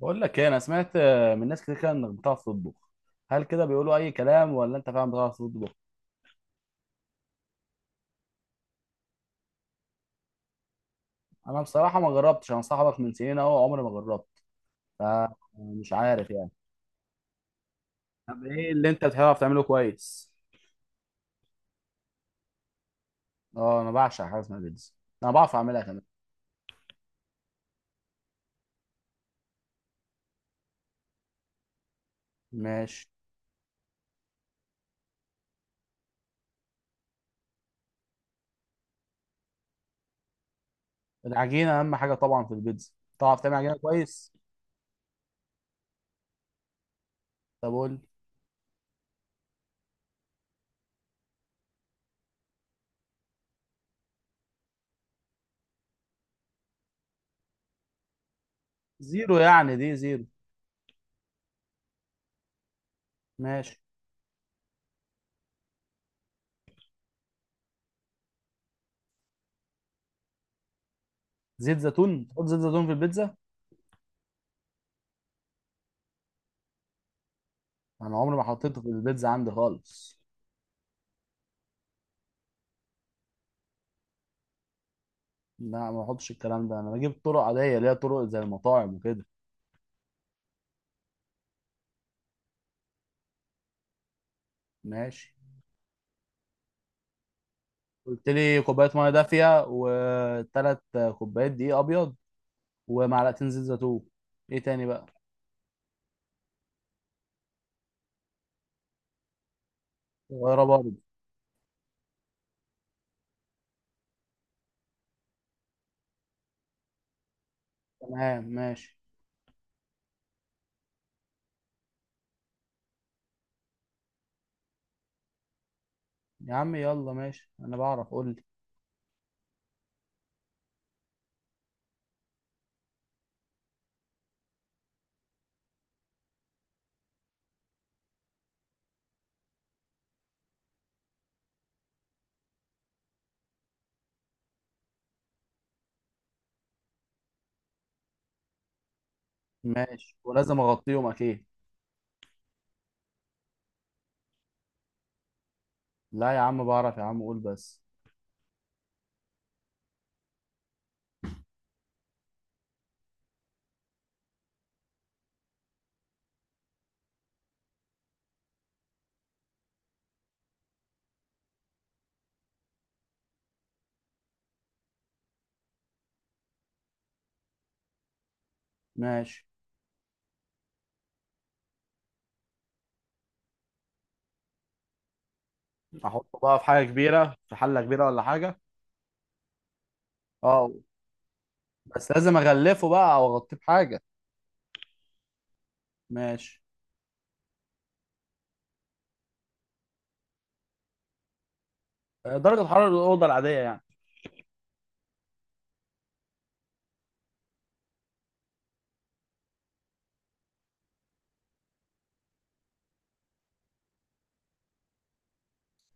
بقول لك ايه، انا سمعت من ناس كتير كده انك بتعرف تطبخ. هل كده بيقولوا اي كلام ولا انت فعلا بتعرف تطبخ؟ انا بصراحه ما جربتش، انا صاحبك من سنين اهو عمري ما جربت، فمش عارف يعني. طب ايه اللي انت بتعرف تعمله كويس؟ اه انا بعشق حاجه اسمها بيتزا، انا بعرف اعملها كمان. ماشي. العجينه اهم حاجه طبعا في البيتزا، تعرف تعمل عجينه كويس؟ طب قول لي. زيرو يعني؟ دي زيرو. ماشي. زيت زيتون؟ تحط زيت زيتون في البيتزا؟ انا عمري ما حطيته في البيتزا عندي خالص. لا ما بحطش الكلام ده، انا بجيب طرق عاديه اللي هي طرق زي المطاعم وكده. ماشي. قلت لي كوبايه ميه دافيه، وثلاث كوبايات دقيق ابيض، ومعلقتين زيت زيتون. ايه تاني بقى؟ صغيره برضه؟ تمام ماشي. يا عم يلا ماشي، انا بعرف، قول لي. ماشي، ولازم اغطيهم اكيد؟ لا يا عم بعرف يا عم، قول بس. ماشي. احطه بقى في حاجه كبيره، في حله كبيره ولا حاجه؟ اه. بس لازم اغلفه بقى او اغطيه بحاجه؟ ماشي. درجه حراره الاوضه العاديه يعني؟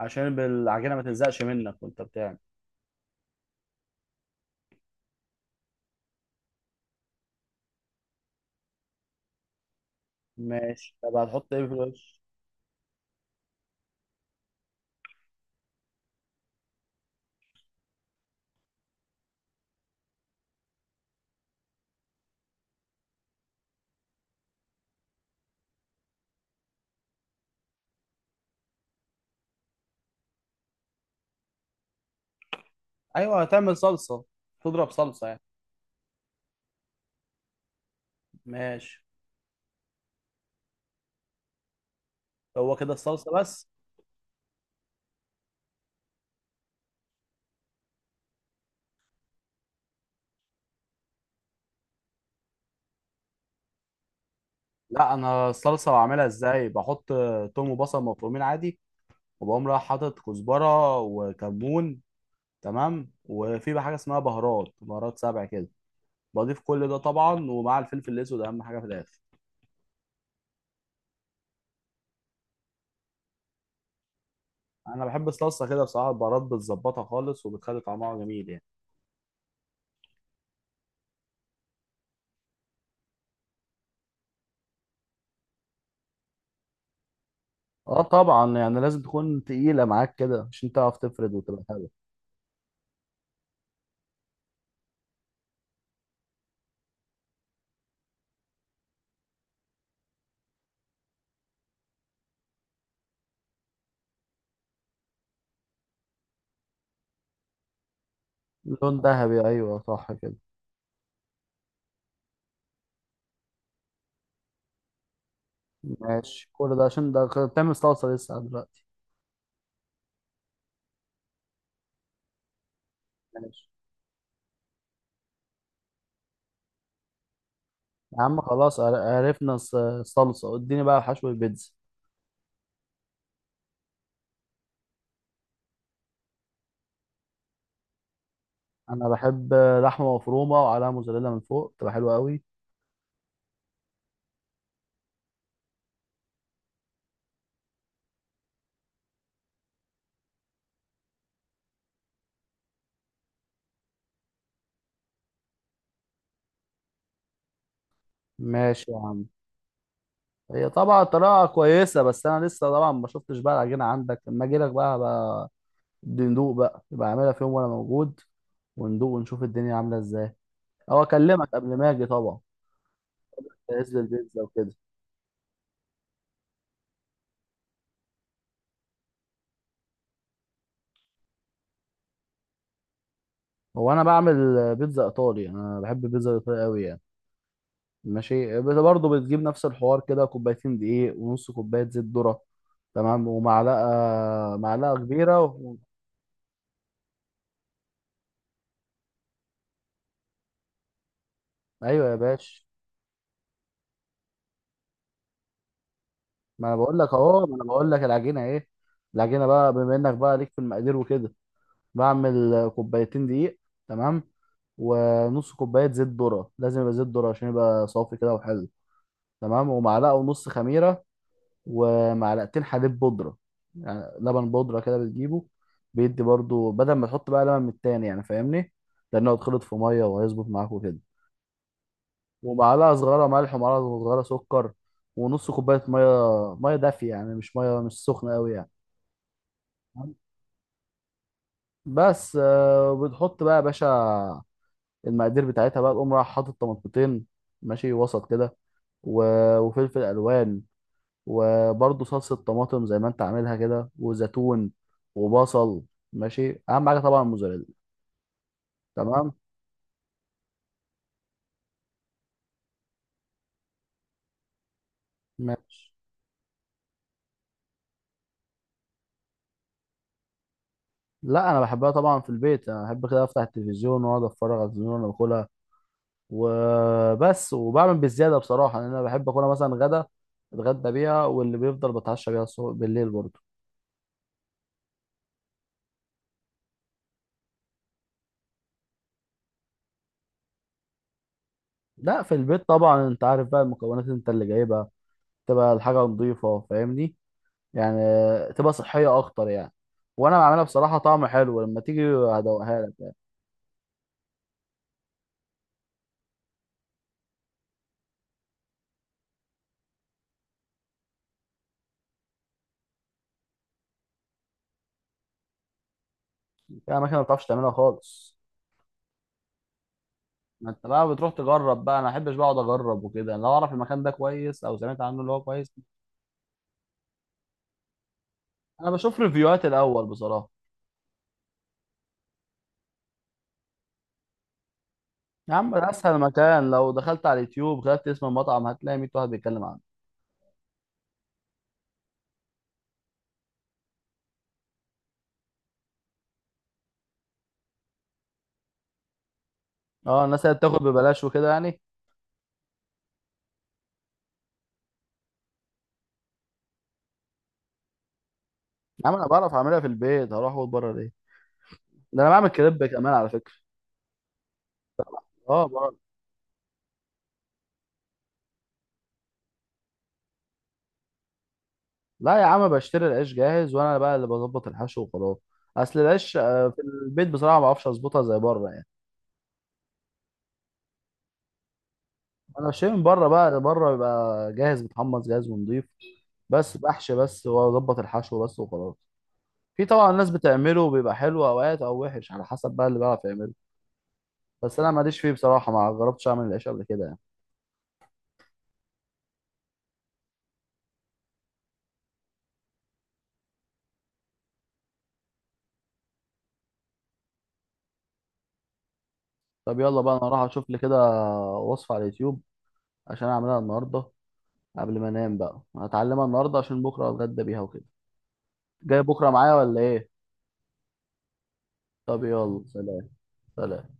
عشان العجينه ما تلزقش منك وانت بتعمل. ماشي. طب هتحط ايه في الوش؟ ايوه، هتعمل صلصه؟ تضرب صلصه يعني؟ ماشي. هو كده الصلصه بس؟ لا انا الصلصه بعملها ازاي؟ بحط توم وبصل مفرومين عادي، وبقوم رايح حاطط كزبره وكمون. تمام، وفي بقى حاجه اسمها بهارات، بهارات سبع كده. بضيف كل ده طبعا، ومع الفلفل الاسود اهم حاجه في الاخر. انا بحب الصلصه كده بصراحه، البهارات بتظبطها خالص وبتخلي طعمها جميل يعني. اه طبعا، يعني لازم تكون تقيلة معاك كده عشان تعرف تفرد وتبقى حلو. لون ذهبي، ايوه صح كده. ماشي. كل ده عشان ده بتعمل صلصة لسه دلوقتي؟ ماشي. يا عم خلاص عرفنا الصلصة، اديني بقى حشو البيتزا. انا بحب لحمة مفرومة وعليها موزاريلا من فوق، تبقى حلوة قوي. ماشي يا عم. هي طبعا طريقة كويسة، بس انا لسه طبعا ما شفتش بقى العجينة عندك. لما اجي لك بقى ندوق بقى، يبقى اعملها في يوم وانا موجود وندوق ونشوف الدنيا عاملة ازاي. هو اكلمك قبل ما اجي طبعا، جهز لي البيتزا وكده. هو انا بعمل بيتزا ايطالي، انا بحب البيتزا الايطالي قوي يعني. ماشي برضه بتجيب نفس الحوار كده، كوبايتين دقيق، ونص كوبايه زيت ذره. تمام، ومعلقه، معلقه كبيره. و... ايوه يا باشا. ما انا بقول لك اهو، ما انا بقول لك العجينه ايه. العجينه بقى، بما انك بقى ليك في المقادير وكده، بعمل كوبايتين دقيق. تمام. ونص كوبايه زيت ذره، لازم يبقى زيت ذره عشان يبقى صافي كده وحلو. تمام. ومعلقه ونص خميره، ومعلقتين حليب بودرة، يعني لبن بودرة كده بتجيبه بيدي برضو بدل ما تحط بقى لبن من التاني، يعني فاهمني؟ لأنه هيتخلط في مية وهيظبط معاك وكده. ومعلقة صغيرة ملح، ومعلقة صغيرة سكر، ونص كوباية مية، مية دافية يعني، مش مية مش سخنة أوي يعني. بس بتحط بقى يا باشا المقادير بتاعتها بقى، تقوم رايح حاطط طماطمتين، ماشي، وسط كده، وفلفل ألوان، وبرضه صلصة طماطم زي ما انت عاملها كده، وزيتون، وبصل. ماشي. اهم حاجة طبعا الموزاريلا. تمام. ماشي. لا انا بحبها طبعا في البيت، انا بحب كده افتح التلفزيون واقعد اتفرج على التلفزيون وانا باكلها وبس. وبعمل بالزيادة بصراحة، لان انا بحب اكلها مثلا غدا، اتغدى بيها، واللي بيفضل بتعشى بيها الصبح بالليل برضه. لا في البيت طبعا، انت عارف بقى المكونات انت اللي جايبها، تبقى الحاجة نظيفة فاهمني، يعني تبقى صحيه اكتر يعني. وانا بعملها بصراحه طعم حلو، لما تيجي هدوقها لك يعني. في اماكن ما بتعرفش تعملها خالص. ما انت بقى بتروح تجرب بقى، انا ما احبش بقعد اجرب وكده، انا لو اعرف المكان ده كويس او سمعت عنه اللي هو كويس. انا بشوف ريفيوهات الاول بصراحه. يا عم ده اسهل مكان، لو دخلت على اليوتيوب كتبت اسم المطعم هتلاقي 100 واحد بيتكلم عنه. اه الناس اللي بتاخد ببلاش وكده يعني. يا عم انا بعرف اعملها في البيت، هروح اقول بره ليه؟ ده انا بعمل كريب كمان على فكره. اه. لا يا عم بشتري العيش جاهز، وانا بقى اللي بظبط الحشو وخلاص. اصل العيش في البيت بصراحه ما بعرفش اظبطها زي بره يعني. انا بشتري من بره بقى، بره بيبقى جاهز متحمص جاهز ونضيف، بس بحشي بس واظبط الحشو بس وخلاص. في طبعا الناس بتعمله بيبقى حلو اوقات او وحش، على حسب بقى اللي بيعرف يعمله. بس انا ماليش فيه بصراحه، ما جربتش اعمل العيش قبل كده يعني. طب يلا بقى، انا راح اشوف لي كده وصفه على اليوتيوب عشان اعملها النهارده، قبل ما انام بقى هتعلمها النهارده عشان بكره اتغدى بيها وكده. جاي بكره معايا ولا ايه؟ طب يلا سلام. سلام.